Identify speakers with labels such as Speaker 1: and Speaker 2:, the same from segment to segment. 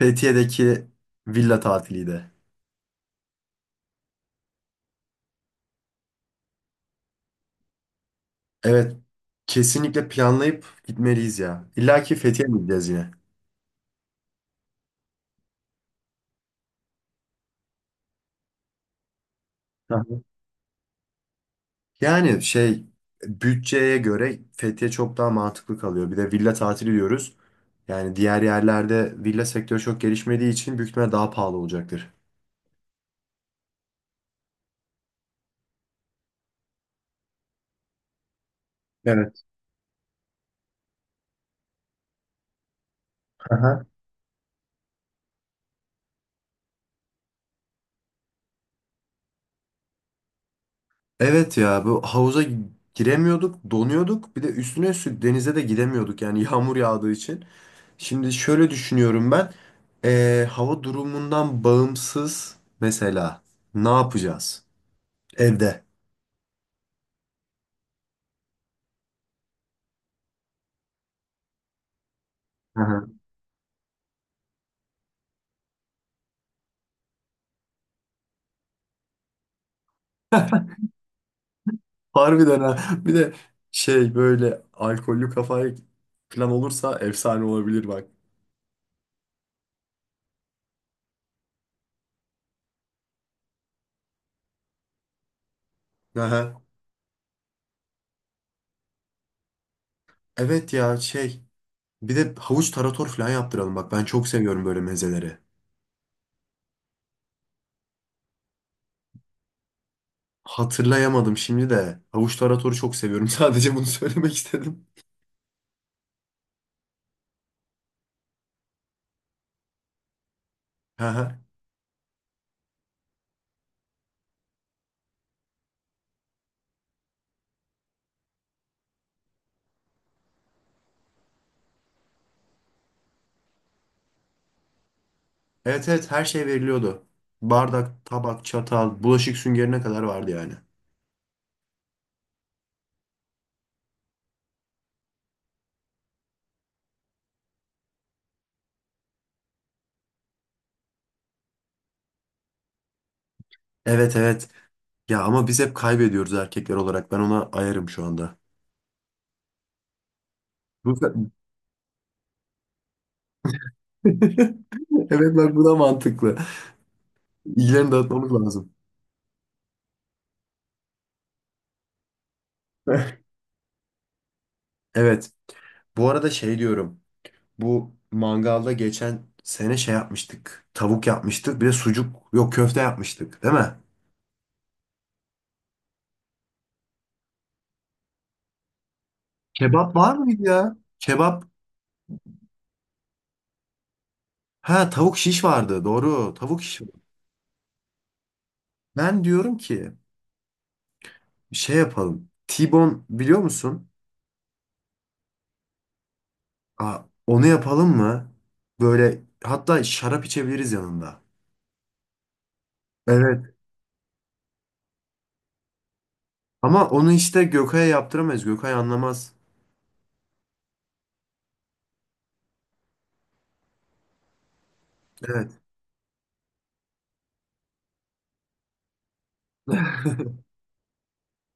Speaker 1: Fethiye'deki villa tatiliydi. Evet, kesinlikle planlayıp gitmeliyiz ya. İlla ki Fethiye mi gideceğiz yine? Hı hı. Yani şey, bütçeye göre Fethiye çok daha mantıklı kalıyor. Bir de villa tatili diyoruz. Yani diğer yerlerde villa sektörü çok gelişmediği için büyük ihtimalle daha pahalı olacaktır. Evet. Aha. Evet ya, bu havuza giremiyorduk, donuyorduk. Bir de üstüne üstlük denize de gidemiyorduk yani yağmur yağdığı için. Şimdi şöyle düşünüyorum ben. Hava durumundan bağımsız mesela ne yapacağız evde? Hı hı. Harbiden ha. Bir de böyle alkollü kafayı falan olursa efsane olabilir bak. Aha. Evet ya. Bir de havuç tarator falan yaptıralım bak. Ben çok seviyorum böyle mezeleri. Hatırlayamadım şimdi de. Havuç taratoru çok seviyorum. Sadece bunu söylemek istedim. Aha. Evet evet, her şey veriliyordu. Bardak, tabak, çatal, bulaşık süngerine kadar vardı yani. Evet evet. Ya ama biz hep kaybediyoruz erkekler olarak. Ben ona ayarım şu anda. Bu- Evet bak bu da mantıklı. İlgilerini dağıtmamız lazım. Evet. Bu arada diyorum. Bu mangalda geçen sene yapmıştık. Tavuk yapmıştık. Bir de sucuk. Yok, köfte yapmıştık, değil mi? Kebap var mıydı ya? Kebap. Ha, tavuk şiş vardı. Doğru. Tavuk şiş. Ben diyorum ki, yapalım. T-bone biliyor musun? Aa, onu yapalım mı? Böyle hatta şarap içebiliriz yanında. Evet. Ama onu işte Gökay'a yaptıramayız. Gökay anlamaz. Evet.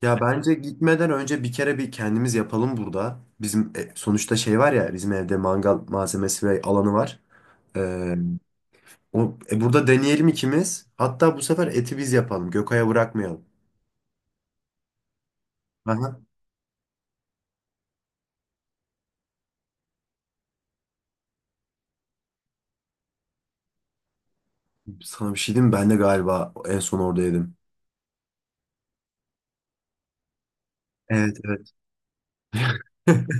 Speaker 1: Ya bence gitmeden önce bir kere bir kendimiz yapalım burada. Sonuçta şey var ya, bizim evde mangal malzemesi ve alanı var. Ee, burada deneyelim ikimiz. Hatta bu sefer eti biz yapalım. Gökay'a bırakmayalım. Aha. Sana bir şey diyeyim mi? Ben de galiba en son orada yedim. Evet evet.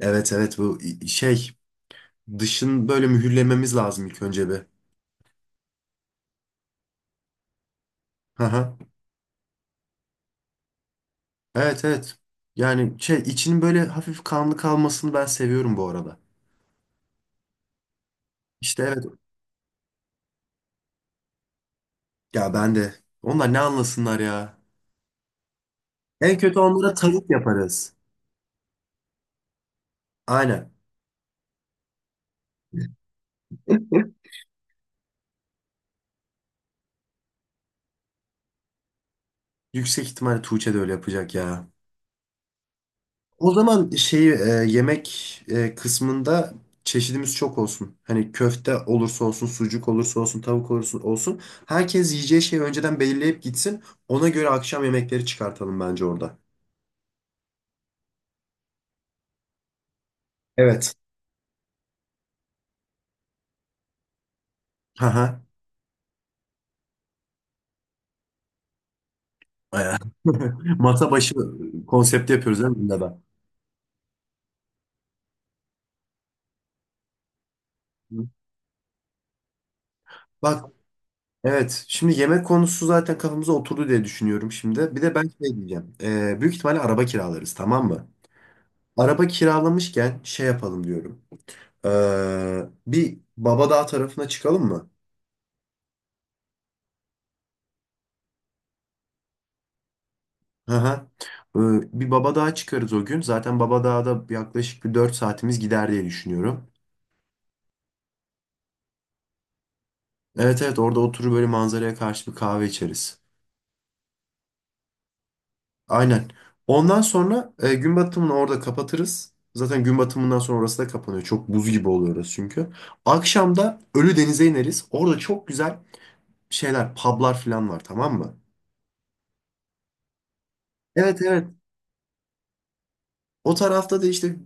Speaker 1: Evet evet, bu dışın böyle mühürlememiz lazım ilk önce bir. Hı hı. Evet evet. Yani içinin böyle hafif kanlı kalmasını ben seviyorum bu arada. İşte evet. Ya ben de. Onlar ne anlasınlar ya. En kötü onlara tavuk yaparız. Aynen. Yüksek ihtimalle Tuğçe de öyle yapacak ya. O zaman yemek kısmında çeşidimiz çok olsun. Hani köfte olursa olsun, sucuk olursa olsun, tavuk olursa olsun. Herkes yiyeceği şeyi önceden belirleyip gitsin. Ona göre akşam yemekleri çıkartalım bence orada. Evet. Haha. Masa başı konsepti yapıyoruz değil mi bunda da? Hı. Bak evet, şimdi yemek konusu zaten kafamıza oturdu diye düşünüyorum şimdi. Bir de ben şey diyeceğim. Büyük ihtimalle araba kiralarız, tamam mı? Araba kiralamışken şey yapalım diyorum. Bir Babadağ tarafına çıkalım mı? Hı hı. Ee, bir Babadağ'a çıkarız o gün. Zaten Babadağ'da yaklaşık bir 4 saatimiz gider diye düşünüyorum. Evet evet, orada oturur böyle manzaraya karşı bir kahve içeriz. Aynen. Ondan sonra gün batımını orada kapatırız. Zaten gün batımından sonra orası da kapanıyor. Çok buz gibi oluyor orası çünkü. Akşam da Ölüdeniz'e ineriz. Orada çok güzel şeyler, publar falan var, tamam mı? Evet evet. O tarafta da işte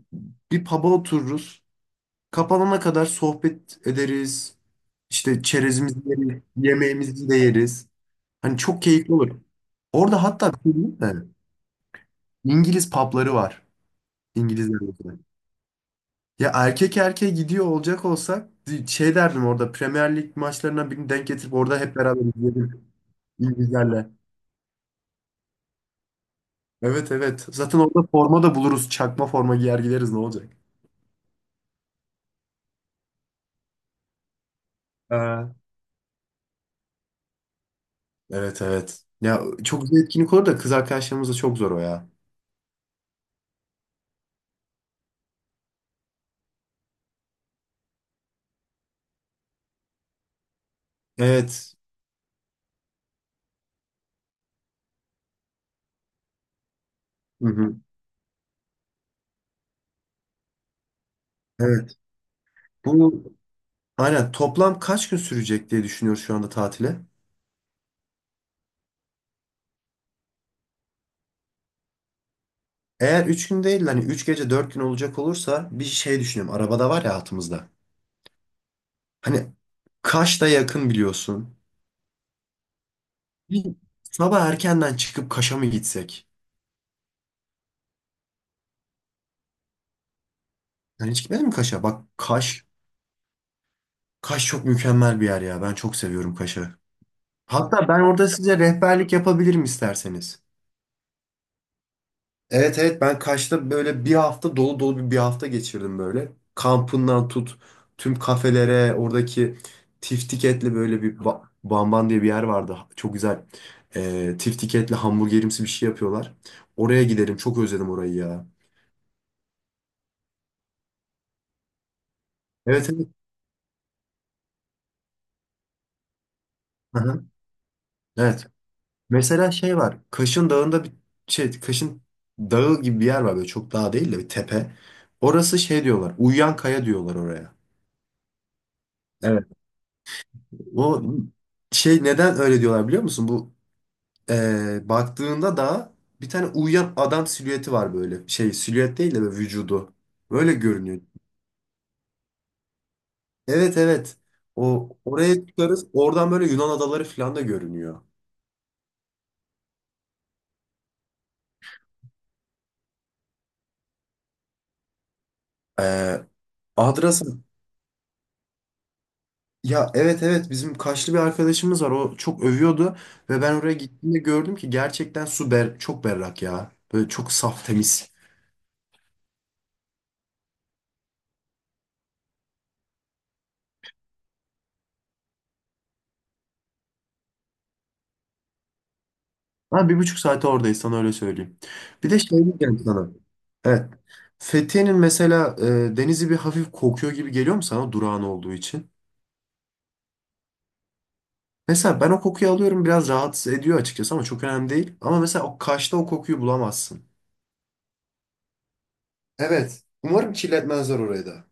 Speaker 1: bir pub'a otururuz. Kapanana kadar sohbet ederiz. İşte çerezimizi yeriz, yemeğimizi de yeriz. Hani çok keyifli olur. Orada hatta bir şey diyeyim mi? İngiliz pubları var. İngilizler orada. Ya erkek erkeğe gidiyor olacak olsak şey derdim, orada Premier Lig maçlarından birini denk getirip orada hep beraber izleyelim İngilizlerle. Evet evet. Zaten orada forma da buluruz. Çakma forma giyer gideriz, ne olacak? Ha. Evet evet. Ya çok güzel etkinlik olur da kız arkadaşlarımızla çok zor o ya. Evet. Hı hı. Evet. Bu aynen toplam kaç gün sürecek diye düşünüyoruz şu anda tatile. Eğer 3 gün değil hani 3 gece 4 gün olacak olursa bir şey düşünüyorum. Arabada var ya altımızda. Hani Kaş'ta yakın biliyorsun. Bir sabah erkenden çıkıp Kaş'a mı gitsek? Yani hiç gitmedin mi Kaş'a? Bak Kaş, Kaş çok mükemmel bir yer ya. Ben çok seviyorum Kaş'ı. Hatta ben orada size rehberlik yapabilirim isterseniz. Evet evet, ben Kaş'ta böyle bir hafta dolu dolu bir hafta geçirdim böyle. Kampından tut tüm kafelere, oradaki tiftik etli böyle bamban diye bir yer vardı. Çok güzel, tiftik etli hamburgerimsi bir şey yapıyorlar. Oraya giderim, çok özledim orayı ya. Evet evet. Aha, evet. Mesela şey var, Kaş'ın dağında bir Kaş'ın dağı gibi bir yer var, böyle çok dağ değil de bir tepe. Orası şey diyorlar, uyuyan kaya diyorlar oraya. Evet. O neden öyle diyorlar biliyor musun? Bu baktığında da bir tane uyuyan adam silüeti var böyle. Şey silüet değil de böyle vücudu. Böyle görünüyor. Evet evet. O oraya çıkarız. Oradan böyle Yunan adaları falan da görünüyor. Eee Adrasa. Ya evet evet, bizim Kaşlı bir arkadaşımız var. O çok övüyordu ve ben oraya gittiğimde gördüm ki gerçekten su ber çok berrak ya. Böyle çok saf temiz. Ha, bir buçuk saate oradayız, sana öyle söyleyeyim. Bir de şey diyeceğim sana. Evet. Fethiye'nin mesela denizi bir hafif kokuyor gibi geliyor mu sana, durağın olduğu için? Mesela ben o kokuyu alıyorum, biraz rahatsız ediyor açıkçası, ama çok önemli değil. Ama mesela o Kaş'ta o kokuyu bulamazsın. Evet. Umarım kirletmezler orayı da.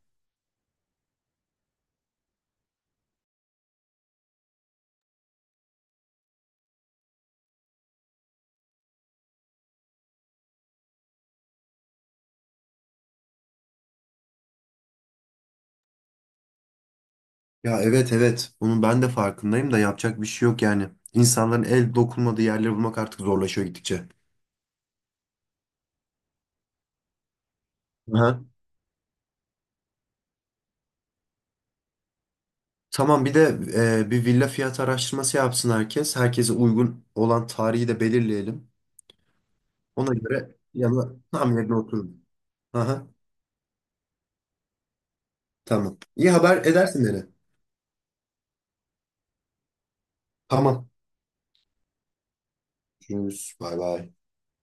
Speaker 1: Ya evet evet. Bunun ben de farkındayım da yapacak bir şey yok yani. İnsanların el dokunmadığı yerleri bulmak artık zorlaşıyor gittikçe. Aha. Tamam, bir de bir villa fiyat araştırması yapsın herkes. Herkese uygun olan tarihi de belirleyelim. Ona göre yanına tam yerine oturun. Aha, tamam. İyi haber edersin beni. Tamam. Görüşürüz. Bay bay.